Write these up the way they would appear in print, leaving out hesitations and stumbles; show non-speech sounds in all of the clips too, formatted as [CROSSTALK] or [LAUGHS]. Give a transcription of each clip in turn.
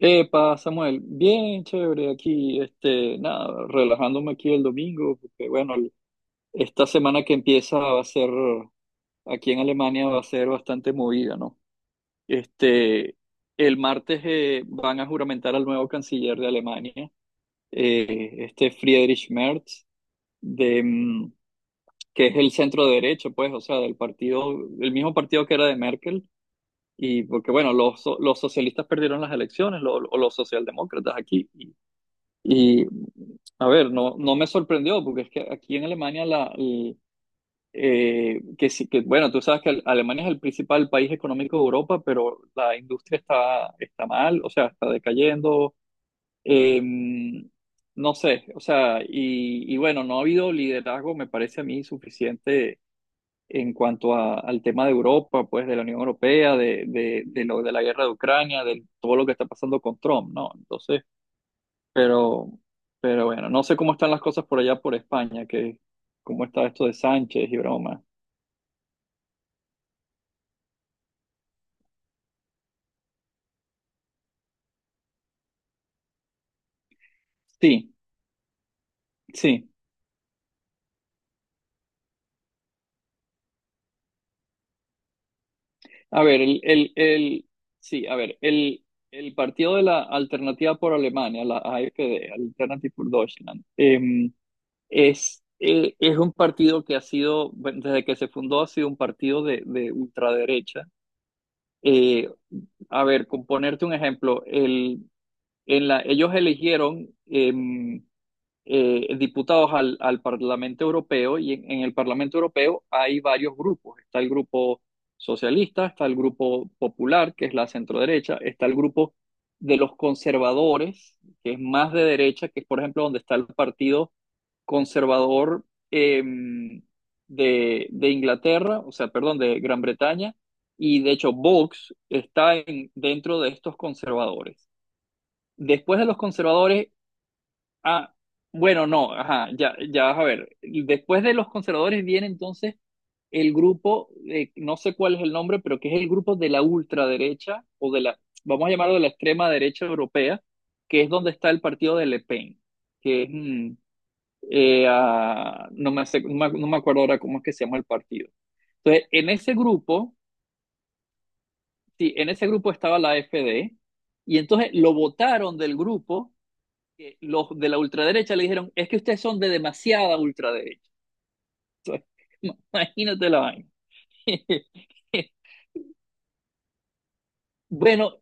Epa, Samuel, bien chévere aquí, este, nada, relajándome aquí el domingo, porque bueno, esta semana que empieza va a ser, aquí en Alemania va a ser bastante movida, ¿no? Este, el martes van a juramentar al nuevo canciller de Alemania, este Friedrich Merz, de, que es el centro derecha, pues, o sea, del partido, el mismo partido que era de Merkel, y porque bueno, los, los socialistas perdieron las elecciones, o los socialdemócratas aquí. Y a ver, no, no me sorprendió, porque es que aquí en Alemania, que sí, que bueno, tú sabes que Alemania es el principal país económico de Europa, pero la industria está mal, o sea, está decayendo. eh, no sé, o sea, y bueno, no ha habido liderazgo, me parece a mí, suficiente en cuanto al tema de Europa, pues de la Unión Europea, de lo de la guerra de Ucrania, de todo lo que está pasando con Trump, ¿no? Entonces. Pero, pero bueno, no sé cómo están las cosas por allá por España, que cómo está esto de Sánchez y broma. Sí, sí. A ver, sí, a ver, el partido de la Alternativa por Alemania, la AfD, Alternative for Deutschland, es un partido que ha sido, bueno, desde que se fundó, ha sido un partido de ultraderecha. Eh, a ver, con ponerte un ejemplo, ellos eligieron diputados al Parlamento Europeo y en el Parlamento Europeo hay varios grupos. Está el grupo socialista, está el grupo popular, que es la centroderecha, está el grupo de los conservadores, que es más de derecha, que es por ejemplo donde está el Partido Conservador eh, de Inglaterra, o sea, perdón, de Gran Bretaña, y de hecho Vox está dentro de estos conservadores. Después de los conservadores. Ah, bueno, no, ajá, ya, ya vas a ver. Después de los conservadores viene entonces el grupo, no sé cuál es el nombre, pero que es el grupo de la ultraderecha o de la, vamos a llamarlo de la extrema derecha europea, que es donde está el partido de Le Pen, que es, no me acuerdo ahora cómo es que se llama el partido. Entonces, en ese grupo, sí, en ese grupo estaba la AfD, y entonces lo votaron del grupo que los de la ultraderecha le dijeron, es que ustedes son de demasiada ultraderecha. [LAUGHS] Imagínate la vaina. [LAUGHS] Bueno,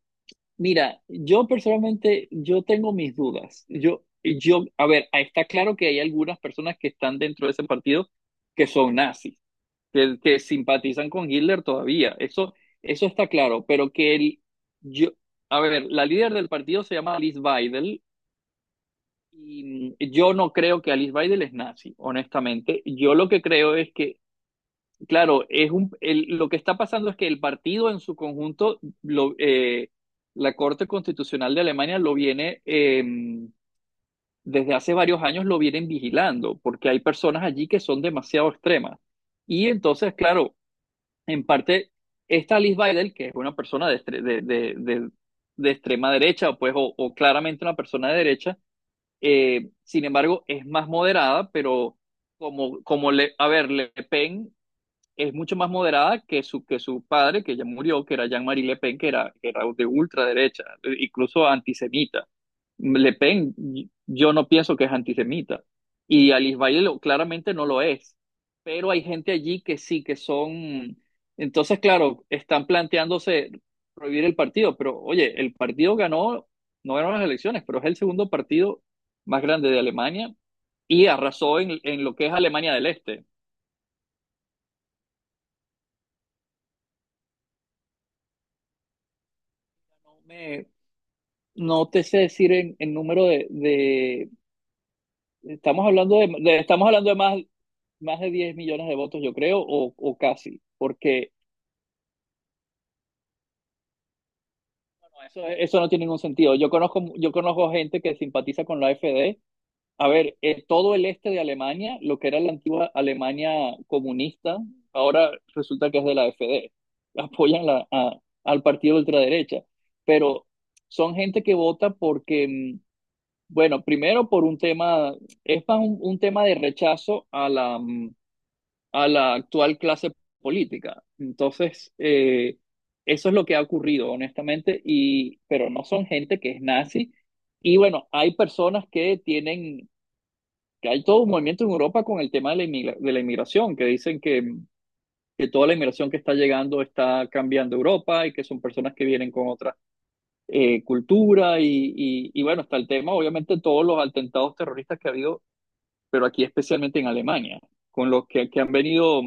mira, yo personalmente, yo tengo mis dudas. A ver, está claro que hay algunas personas que están dentro de ese partido que son nazis, que simpatizan con Hitler todavía. Eso está claro, pero que yo, a ver, la líder del partido se llama Alice Weidel y yo no creo que Alice Weidel es nazi, honestamente. Yo lo que creo es que claro, es lo que está pasando es que el partido en su conjunto, la Corte Constitucional de Alemania lo viene, desde hace varios años lo vienen vigilando, porque hay personas allí que son demasiado extremas. Y entonces, claro, en parte, esta Alice Weidel, que es una persona de, estre- de extrema derecha, pues, o claramente una persona de derecha, sin embargo, es más moderada, pero a ver, Le Pen es mucho más moderada que su padre, que ya murió, que era Jean-Marie Le Pen, que era de ultraderecha, incluso antisemita. Le Pen, yo no pienso que es antisemita. Y Alice Valle claramente no lo es. Pero hay gente allí que sí, que son. Entonces, claro, están planteándose prohibir el partido. Pero, oye, el partido ganó, no ganó las elecciones, pero es el segundo partido más grande de Alemania y arrasó en lo que es Alemania del Este. No me- no te sé decir en número estamos hablando estamos hablando de más, más de 10 millones de votos, yo creo, o casi, porque no, eso no tiene ningún sentido. Yo conozco gente que simpatiza con la AfD. A ver, todo el este de Alemania, lo que era la antigua Alemania comunista, ahora resulta que es de la AfD. Apoyan al partido de ultraderecha, pero son gente que vota porque bueno, primero por un tema, es más un tema de rechazo a la actual clase política. Entonces, eso es lo que ha ocurrido, honestamente, y, pero no son gente que es nazi. Y bueno, hay personas que tienen, que hay todo un movimiento en Europa con el tema de la inmigración, que dicen que toda la inmigración que está llegando está cambiando Europa y que son personas que vienen con otra cultura. Y bueno, está el tema, obviamente, todos los atentados terroristas que ha habido pero aquí especialmente en Alemania, con los que han venido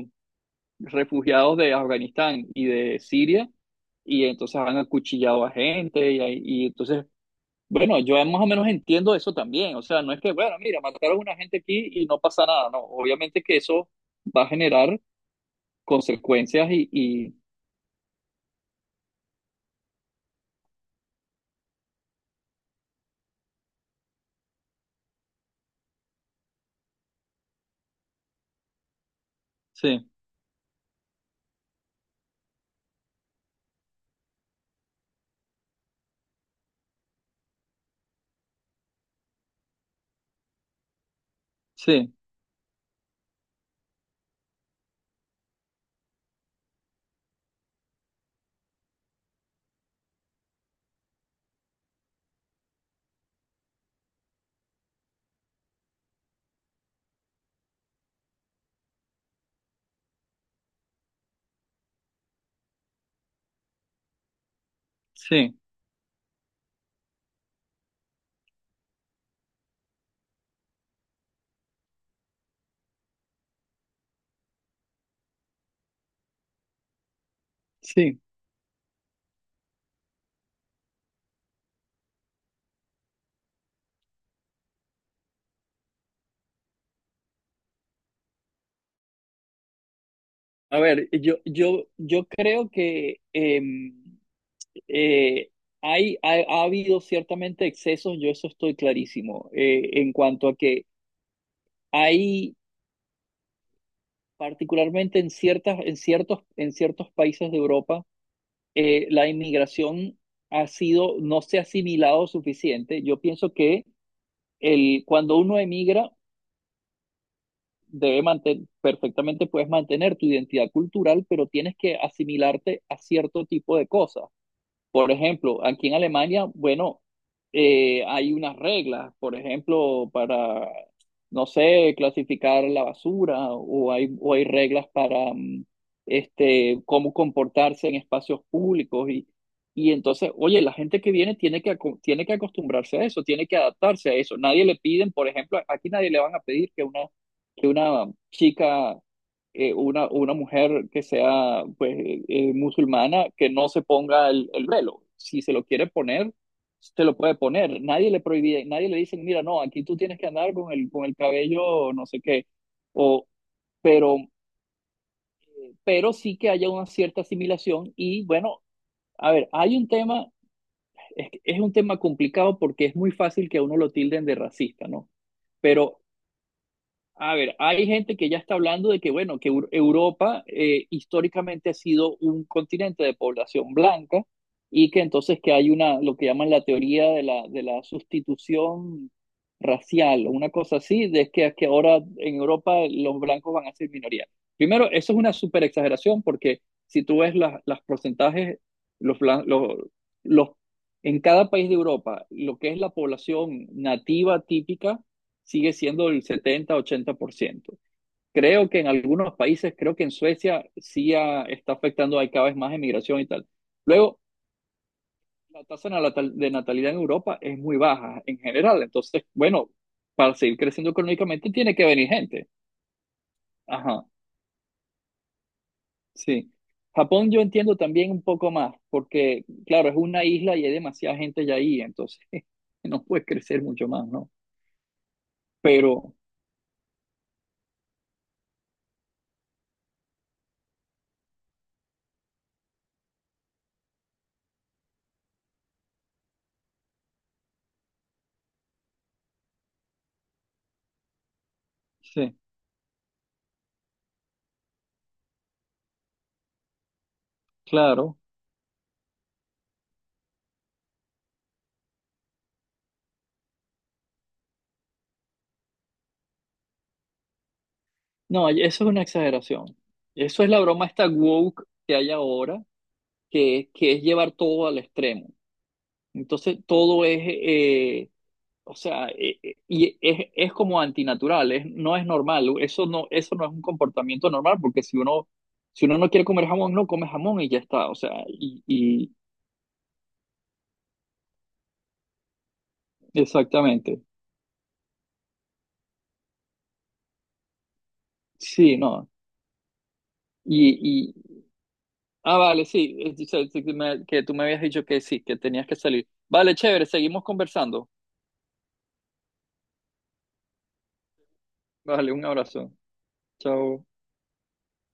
refugiados de Afganistán y de Siria, y entonces han acuchillado a gente, y entonces, bueno, yo más o menos entiendo eso también, o sea, no es que, bueno, mira, mataron a una gente aquí y no pasa nada, no, obviamente que eso va a generar consecuencias y... Sí, sí, sí, sí. A ver, yo creo que... Eh, hay, ha habido ciertamente excesos, yo eso estoy clarísimo, en cuanto a que hay, particularmente en en ciertos países de Europa, la inmigración no se ha asimilado suficiente. Yo pienso que el, cuando uno emigra, debe mantener, perfectamente puedes mantener tu identidad cultural, pero tienes que asimilarte a cierto tipo de cosas. Por ejemplo, aquí en Alemania, bueno, hay unas reglas, por ejemplo, para, no sé, clasificar la basura o hay reglas para este, cómo comportarse en espacios públicos y entonces, oye, la gente que viene tiene que acostumbrarse a eso, tiene que adaptarse a eso. Nadie le piden, por ejemplo, aquí nadie le van a pedir que una chica una mujer que sea pues, musulmana que no se ponga el velo. Si se lo quiere poner, se lo puede poner. Nadie le prohíbe, nadie le dice, mira, no, aquí tú tienes que andar con el cabello, no sé qué. O, pero, pero sí que haya una cierta asimilación. Y bueno, a ver, hay un tema, es un tema complicado porque es muy fácil que a uno lo tilden de racista, ¿no? Pero a ver, hay gente que ya está hablando de que, bueno, que Europa históricamente ha sido un continente de población blanca y que entonces que hay una, lo que llaman la teoría de la sustitución racial o una cosa así, de que ahora en Europa los blancos van a ser minoría. Primero, eso es una super exageración porque si tú ves las porcentajes, los, blan- los, en cada país de Europa, lo que es la población nativa típica, sigue siendo el 70-80%. Creo que en algunos países, creo que en Suecia sí está afectando, hay cada vez más emigración y tal. Luego, la tasa de natalidad en Europa es muy baja en general, entonces, bueno, para seguir creciendo económicamente tiene que venir gente. Ajá, sí. Japón yo entiendo también un poco más, porque claro, es una isla y hay demasiada gente ya ahí, entonces [LAUGHS] no puede crecer mucho más, ¿no? Pero, sí, claro. No, eso es una exageración. Eso es la broma esta woke que hay ahora, que es llevar todo al extremo. Entonces, todo es, o sea, y es como antinatural, no es normal. Eso no es un comportamiento normal, porque si uno, si uno no quiere comer jamón, no come jamón y ya está. O sea, y exactamente. Sí, no. Y, y vale, sí, dice que que tú me habías dicho que sí, que tenías que salir. Vale, chévere, seguimos conversando. Vale, un abrazo. Chao.